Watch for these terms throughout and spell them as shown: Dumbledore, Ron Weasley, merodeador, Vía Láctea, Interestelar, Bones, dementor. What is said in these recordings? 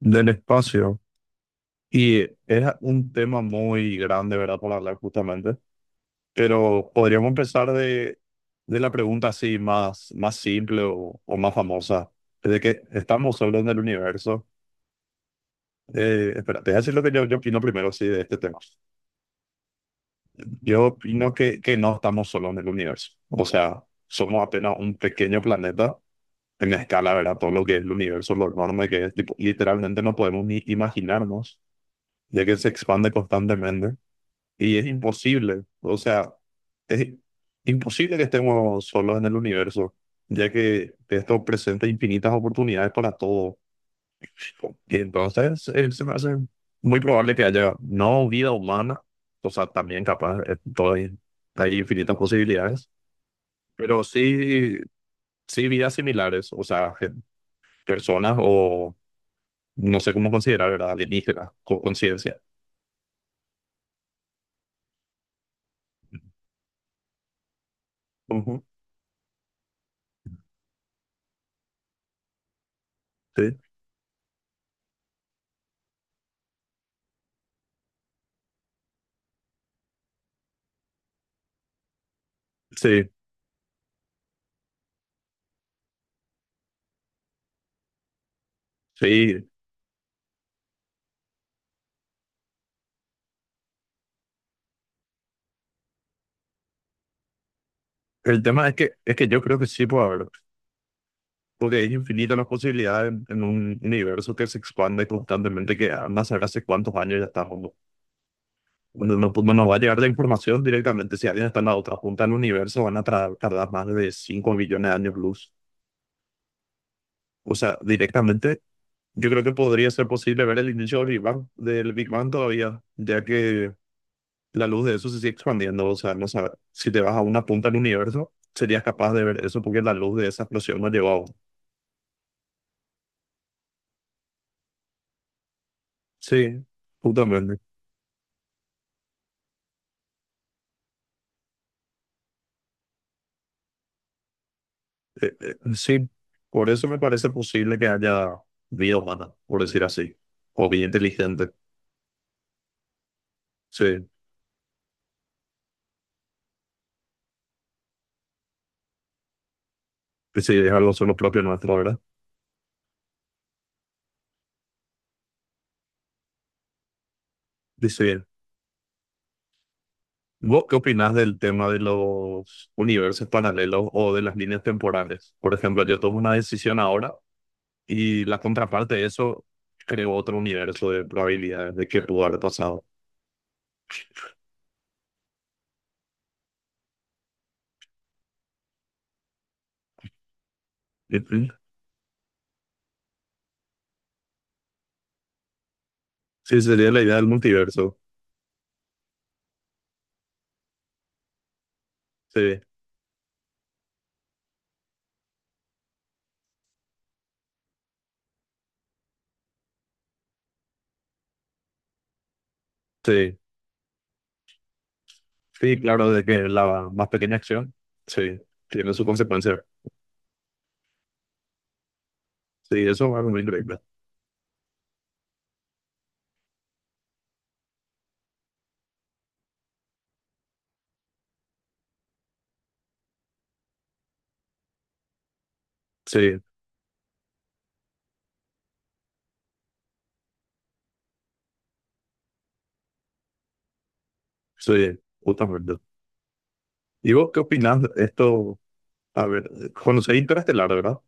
Del espacio. Y es un tema muy grande, ¿verdad? Para hablar justamente. Pero podríamos empezar de la pregunta así más, más simple o más famosa. De que estamos solos en el universo. Espera, te voy a decir lo que yo opino primero, sí, de este tema. Yo opino que no estamos solos en el universo. O sea, somos apenas un pequeño planeta en escala, ¿verdad? Todo lo que es el universo, lo enorme que es. Tipo, literalmente no podemos ni imaginarnos, ya que se expande constantemente. Y es imposible, o sea, es imposible que estemos solos en el universo, ya que esto presenta infinitas oportunidades para todos. Y entonces se me hace muy probable que haya no vida humana, o sea, también capaz, todo- hay infinitas posibilidades, pero sí, sí vidas similares, o sea, gen- personas o no sé cómo considerar, ¿verdad? Alienígenas, con conciencia. Ujú. Sí, sí, sí. El tema es que yo creo que sí puede haber. Porque es infinita las posibilidades en un universo que se expande constantemente, que andas a saber hace cuántos años ya está. No, cuando no pues, no va a llegar la información directamente. Si alguien está en la otra punta del universo, van a tardar más de 5 millones de años luz. O sea, directamente, yo creo que podría ser posible ver el inicio del Big Bang todavía, ya que la luz de eso se sigue expandiendo. O sea, no sabe- si te vas a una punta del universo, serías capaz de ver eso porque la luz de esa explosión no llegó aún. Sí, justamente. Sí, por eso me parece posible que haya vida humana, por decir así, o vida inteligente. Sí, sí, dejarlo solo propio nuestro, ¿verdad? Dice bien. ¿Vos qué opinás del tema de los universos paralelos o de las líneas temporales? Por ejemplo, yo tomo una decisión ahora y la contraparte de eso creo otro universo de probabilidades de que pudo haber pasado. Ujú. Sí, sería la idea del multiverso. Sí, sí, sí, claro, de que la más pequeña acción, sí, tiene su consecuencia. Sí, eso va muy venir increíble. Sí, sí, justamente. ¿Y vos qué opinás de esto? A ver, conocéis Interestelar, ¿verdad?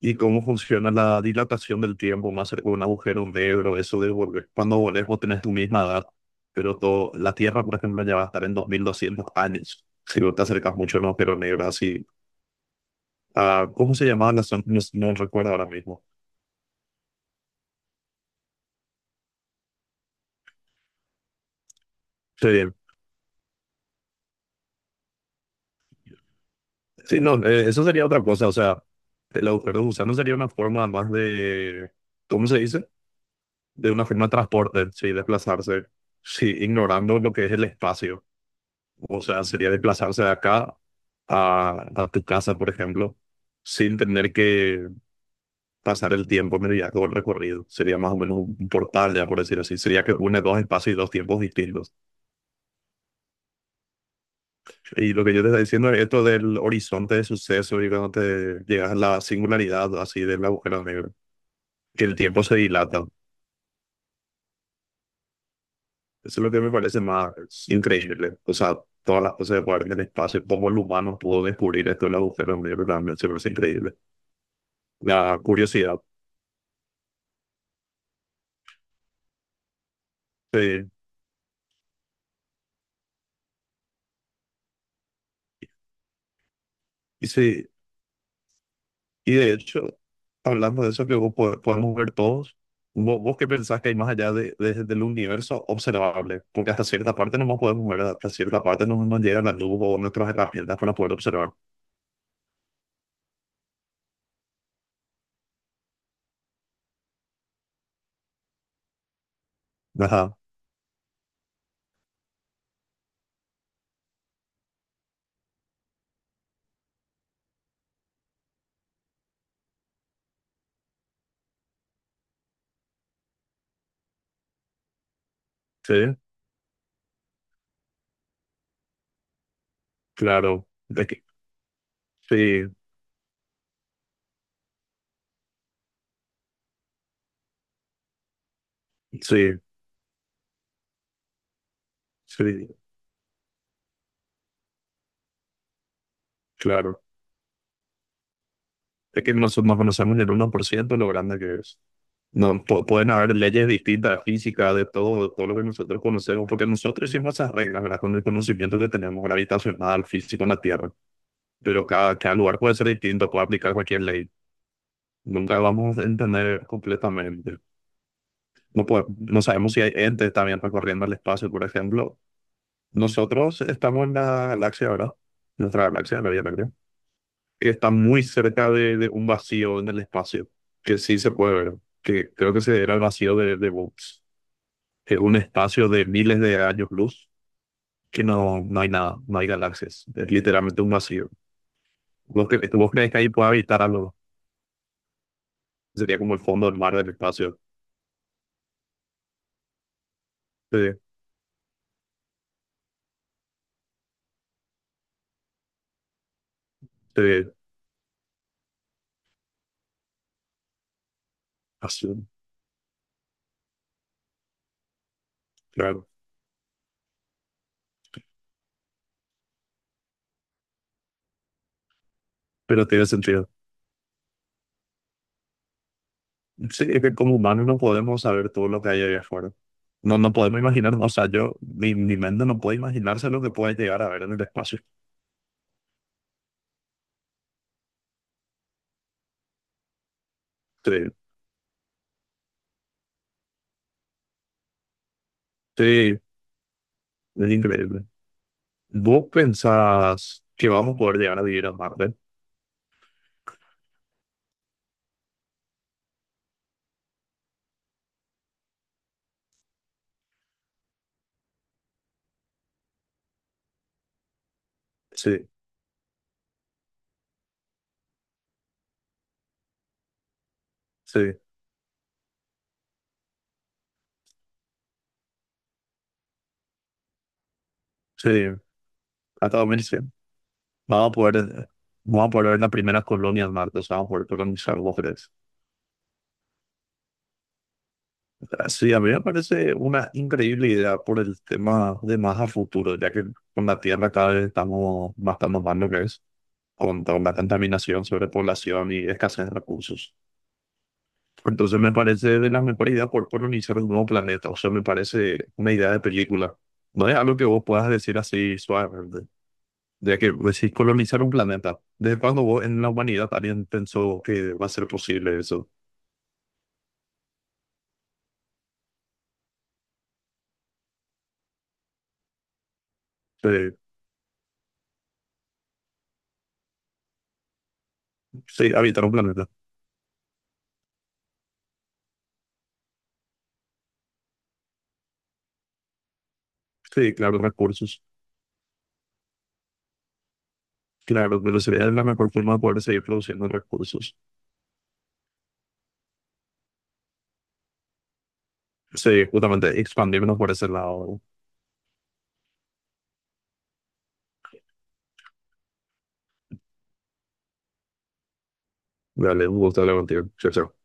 ¿Y cómo funciona la dilatación del tiempo más cerca de un agujero negro? Eso de volver. Cuando volvés vos tenés tu misma edad, pero todo, la Tierra, por ejemplo, ya va a estar en 2200 años. Si vos te acercas mucho a un agujero negro, así. Ah, ¿cómo se llamaba la zona? No, no recuerdo ahora mismo. Sí, sí, no, eso sería otra cosa. O sea, el agujero de gusano sería una forma más de, ¿cómo se dice? De una forma de transporte, sí, desplazarse, sí, ignorando lo que es el espacio. O sea, sería desplazarse de acá a tu casa, por ejemplo, sin tener que pasar el tiempo mediante todo el recorrido. Sería más o menos un portal, ya por decir así. Sería que une dos espacios y dos tiempos distintos. Y lo que yo te estaba diciendo es esto del horizonte de suceso y cuando te llegas a la singularidad así del agujero negro, que el tiempo se dilata. Eso es lo que me parece más increíble. O sea, todas las cosas que guardan en el espacio, cómo el humano pudo descubrir esto del agujero negro, también se me parece increíble. La curiosidad. Sí. Y sí, y de hecho, hablando de eso que vos podemos ver todos, ¿vos, qué pensás que hay más allá del universo observable? Porque hasta cierta parte no nos podemos ver, hasta cierta parte no nos llega la luz o nuestras herramientas para poder observar. Ajá. Sí, claro. De que- sí, sí, sí, claro. Es que nosotros no conocemos el uno por ciento lo grande que es. No, pueden haber leyes distintas, físicas de todo lo que nosotros conocemos, porque nosotros hicimos esas reglas, ¿verdad? Con el conocimiento que tenemos gravitacional, físico en la Tierra. Pero cada lugar puede ser distinto, puede aplicar cualquier ley. Nunca vamos a entender completamente. No, no sabemos si hay entes también recorriendo el espacio, por ejemplo. Nosotros estamos en la galaxia, ¿verdad? Nuestra galaxia, la Vía Láctea. Que está muy cerca de un vacío en el espacio, que sí se puede ver, que creo que se era el vacío de Bones. Es un espacio de miles de años luz que no, no hay nada, no hay galaxias. Es literalmente un vacío. ¿Vos, vos crees que ahí puede habitar algo? Sería como el fondo del mar del espacio. Sí, sí, así, claro. Pero tiene sentido. Sí, es que como humanos no podemos saber todo lo que hay allá afuera. No, no podemos imaginar, o sea, yo, mi mente no puede imaginarse lo que puede llegar a ver en el espacio. Sí, sí. Es increíble. ¿Vos pensás que vamos a poder llegar a vivir a Marte? Sí, sí, sí. Hasta 2100. Vamos a poder, vamos a poder ver las primeras colonias en Marte, o sea, vamos a poder colonizar los tres. Sí, a mí me parece una increíble idea por el tema de más a futuro, ya que con la Tierra cada vez estamos más tan mal lo que es, con la contaminación, sobrepoblación y escasez de recursos. Entonces me parece de las mejores ideas por colonizar un nuevo planeta. O sea, me parece una idea de película. No es algo que vos puedas decir así suavemente. De que pues, sí, colonizar un planeta. ¿Desde cuando vos en la humanidad alguien pensó que va a ser posible eso? Eh, sí, habitar un planeta. Sí, claro, recursos. Claro, pero sería la mejor forma de poder seguir produciendo recursos. Sí, justamente expandirnos por ese lado. Dale, un gusto hablar contigo. Chao, chao.